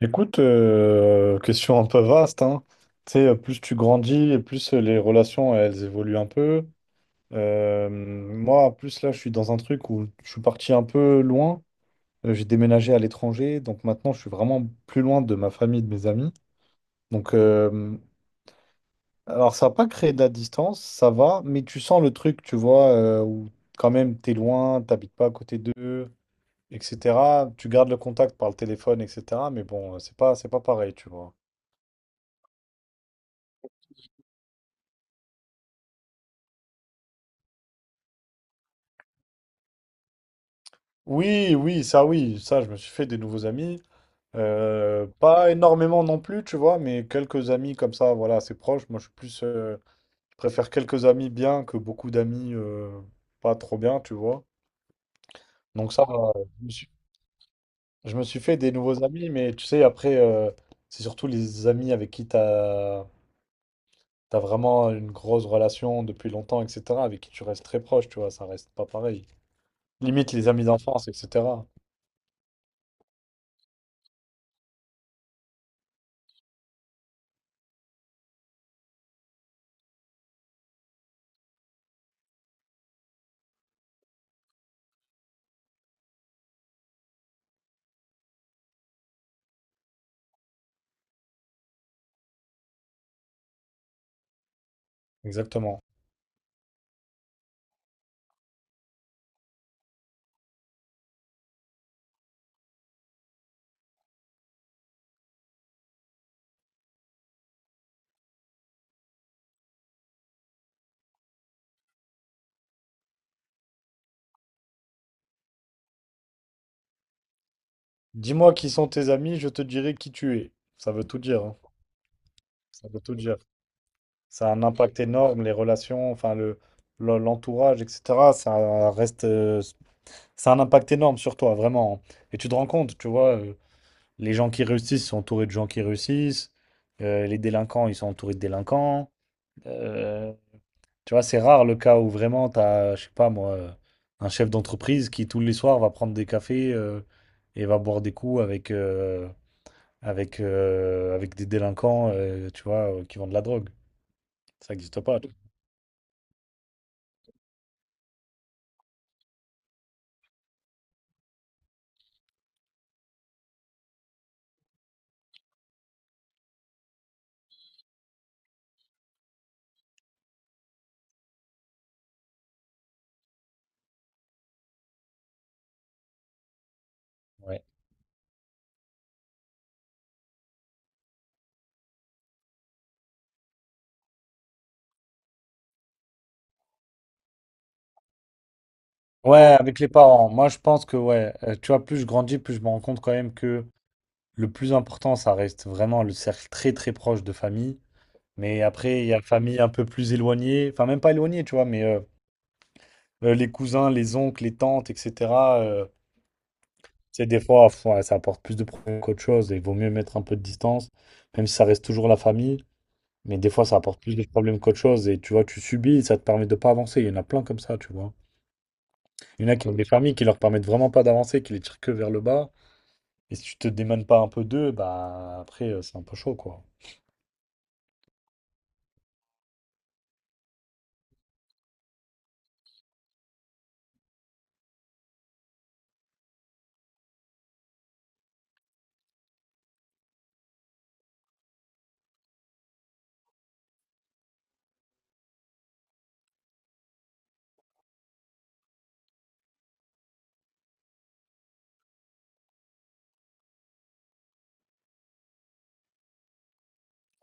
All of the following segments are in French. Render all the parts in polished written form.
Écoute, question un peu vaste, hein. Tu sais, plus tu grandis, et plus les relations, elles évoluent un peu. Moi, plus là, je suis dans un truc où je suis parti un peu loin. J'ai déménagé à l'étranger, donc maintenant, je suis vraiment plus loin de ma famille, de mes amis. Donc, alors, ça n'a pas créé de la distance, ça va, mais tu sens le truc, tu vois, où quand même, t'es loin, t'habites pas à côté d'eux, etc. Tu gardes le contact par le téléphone, etc. Mais bon, c'est pas pareil, tu vois. Oui, oui, ça je me suis fait des nouveaux amis. Pas énormément non plus, tu vois, mais quelques amis comme ça, voilà, assez proches. Moi je suis plus, je préfère quelques amis bien que beaucoup d'amis pas trop bien, tu vois. Donc ça va, je me suis, je me suis fait des nouveaux amis, mais tu sais, après, c'est surtout les amis avec qui t'as vraiment une grosse relation depuis longtemps, etc., avec qui tu restes très proche, tu vois, ça reste pas pareil. Limite les amis d'enfance, etc. Exactement. Dis-moi qui sont tes amis, je te dirai qui tu es. Ça veut tout dire, hein. Ça veut tout dire. Ça a un impact énorme, les relations, enfin le, l'entourage, etc. Ça a un impact énorme sur toi, vraiment, hein. Et tu te rends compte, tu vois, les gens qui réussissent sont entourés de gens qui réussissent. Les délinquants, ils sont entourés de délinquants. Euh, Tu vois, c'est rare le cas où vraiment t'as, je sais pas moi, un chef d'entreprise qui tous les soirs va prendre des cafés et va boire des coups avec des délinquants, tu vois, qui vendent de la drogue. Ça n'existe pas. Ouais. Ouais, avec les parents. Moi, je pense que, ouais, tu vois, plus je grandis, plus je me rends compte quand même que le plus important, ça reste vraiment le cercle très, très proche de famille. Mais après, il y a famille un peu plus éloignée, enfin, même pas éloignée, tu vois, mais les cousins, les oncles, les tantes, etc. euh, Tu sais, des fois, ouais, ça apporte plus de problèmes qu'autre chose et il vaut mieux mettre un peu de distance, même si ça reste toujours la famille. Mais des fois, ça apporte plus de problèmes qu'autre chose. Et tu vois, tu subis et ça te permet de pas avancer. Il y en a plein comme ça, tu vois. Il y en a qui ont des familles qui leur permettent vraiment pas d'avancer, qui les tirent que vers le bas. Et si tu te démènes pas un peu d'eux, bah après, c'est un peu chaud, quoi.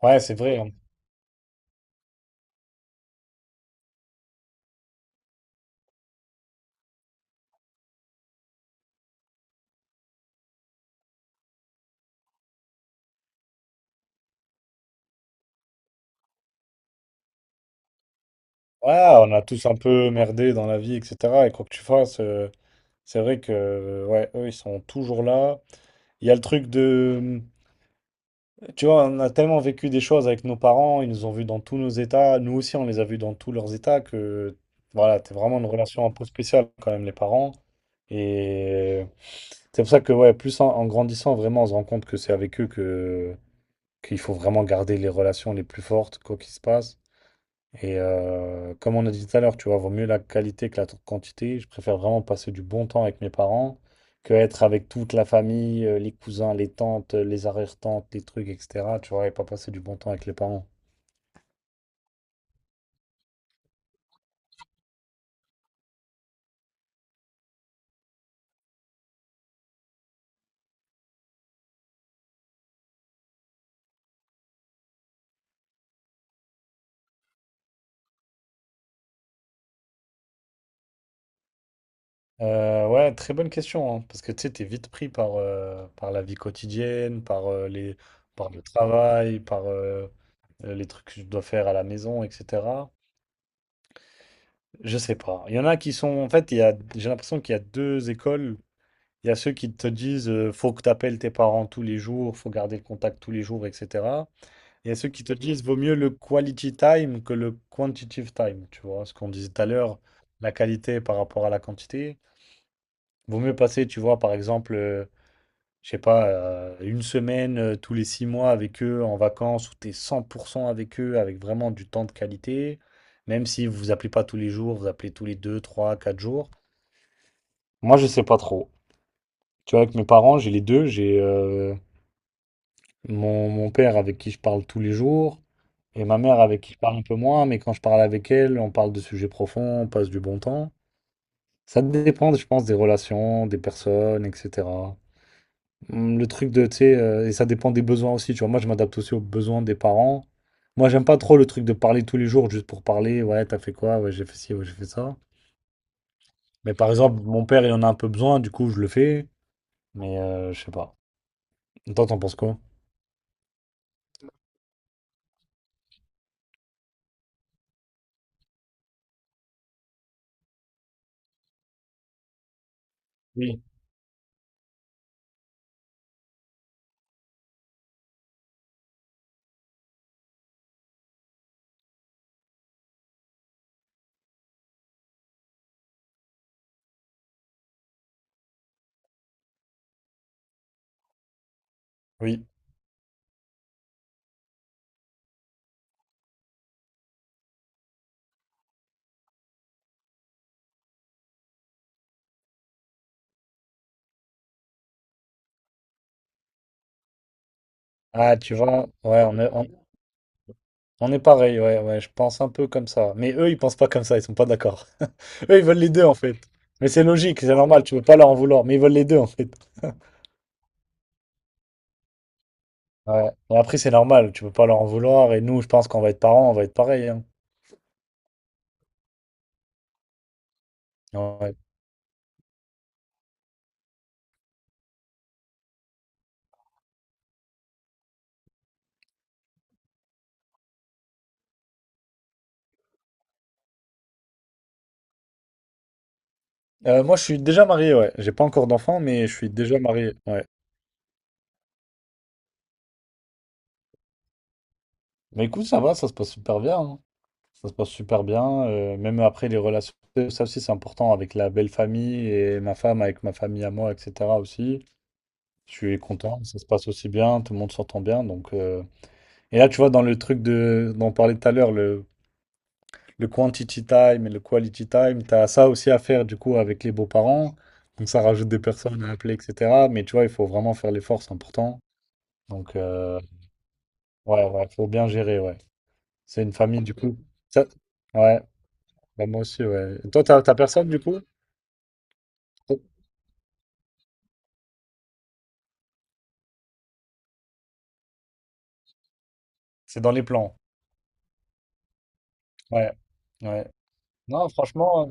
Ouais, c'est vrai, hein. Ouais, on a tous un peu merdé dans la vie, etc. Et quoi que tu fasses, c'est vrai que, ouais, eux, ils sont toujours là. Il y a le truc de. Tu vois, on a tellement vécu des choses avec nos parents, ils nous ont vus dans tous nos états, nous aussi on les a vus dans tous leurs états, que voilà, c'est vraiment une relation un peu spéciale quand même, les parents. Et c'est pour ça que, ouais, plus en grandissant, vraiment, on se rend compte que c'est avec eux que qu'il faut vraiment garder les relations les plus fortes, quoi qu'il se passe. Et comme on a dit tout à l'heure, tu vois, vaut mieux la qualité que quantité. Je préfère vraiment passer du bon temps avec mes parents que être avec toute la famille, les cousins, les tantes, les arrière-tantes, les trucs, etc. Tu vois, et pas passer du bon temps avec les parents. Ouais, très bonne question, hein, parce que tu sais, t'es vite pris par la vie quotidienne, par le travail, par les trucs que je dois faire à la maison, etc. Je sais pas. Il y en a qui sont, en fait, j'ai l'impression qu'il y a deux écoles. Il y a ceux qui te disent faut que tu appelles tes parents tous les jours, faut garder le contact tous les jours, etc. Il y a ceux qui te disent vaut mieux le quality time que le quantitative time, tu vois, ce qu'on disait tout à l'heure, la qualité par rapport à la quantité. Vaut mieux passer, tu vois, par exemple, je sais pas, une semaine tous les 6 mois avec eux en vacances où tu es 100% avec eux, avec vraiment du temps de qualité, même si vous vous appelez pas tous les jours, vous appelez tous les 2, 3, 4 jours. Moi, je sais pas trop. Tu vois, avec mes parents, j'ai les deux, mon père avec qui je parle tous les jours, et ma mère avec qui je parle un peu moins, mais quand je parle avec elle, on parle de sujets profonds, on passe du bon temps. Ça dépend, je pense, des relations, des personnes, etc. Le truc de, tu sais, et ça dépend des besoins aussi, tu vois. Moi, je m'adapte aussi aux besoins des parents. Moi, j'aime pas trop le truc de parler tous les jours juste pour parler, ouais, t'as fait quoi, ouais, j'ai fait ci, ouais, j'ai fait ça. Mais par exemple, mon père, il en a un peu besoin, du coup, je le fais, mais je sais pas. Toi, t'en penses quoi? Oui. Oui. Ah, tu vois, ouais, on est pareil, ouais, ouais, je pense un peu comme ça. Mais eux, ils pensent pas comme ça, ils sont pas d'accord. Eux, ils veulent les deux, en fait. Mais c'est logique, c'est normal, tu peux pas leur en vouloir, mais ils veulent les deux, en fait. Ouais. Et après, c'est normal, tu peux pas leur en vouloir, et nous, je pense qu'on va être parents, on va être pareil, hein. Ouais. Moi, je suis déjà marié, ouais. J'ai pas encore d'enfant, mais je suis déjà marié, ouais. Mais écoute, ça va, ça se passe super bien, hein. Ça se passe super bien, même après les relations, ça aussi, c'est important, avec la belle famille, et ma femme, avec ma famille à moi, etc., aussi. Je suis content, ça se passe aussi bien, tout le monde s'entend bien. Et là, tu vois, dans le truc dont on parlait tout à l'heure, le quantity time et le quality time, tu as ça aussi à faire du coup avec les beaux-parents. Donc ça rajoute des personnes à appeler, etc. Mais tu vois, il faut vraiment faire l'effort, c'est important. Donc ouais, ouais, faut bien gérer, ouais. C'est une famille du coup. Ça- Ouais, bah, moi aussi, ouais. Et toi, t'as personne du coup? C'est dans les plans. Ouais, ouais. Non, franchement.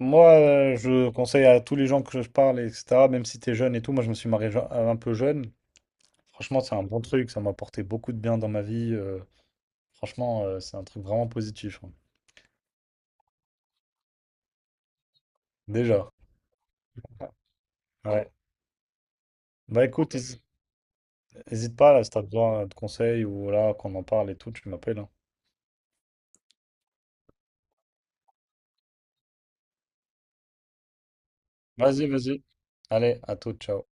Moi, je conseille à tous les gens que je parle, etc., même si t'es jeune et tout, moi je me suis marié un peu jeune. Franchement, c'est un bon truc, ça m'a apporté beaucoup de bien dans ma vie. Franchement, c'est un truc vraiment positif, hein. Déjà. Ouais. Bah écoute, n'hésite pas là, si t'as besoin de conseils ou là, qu'on en parle et tout, tu m'appelles, hein. Vas-y, vas-y. Allez, à tout, ciao.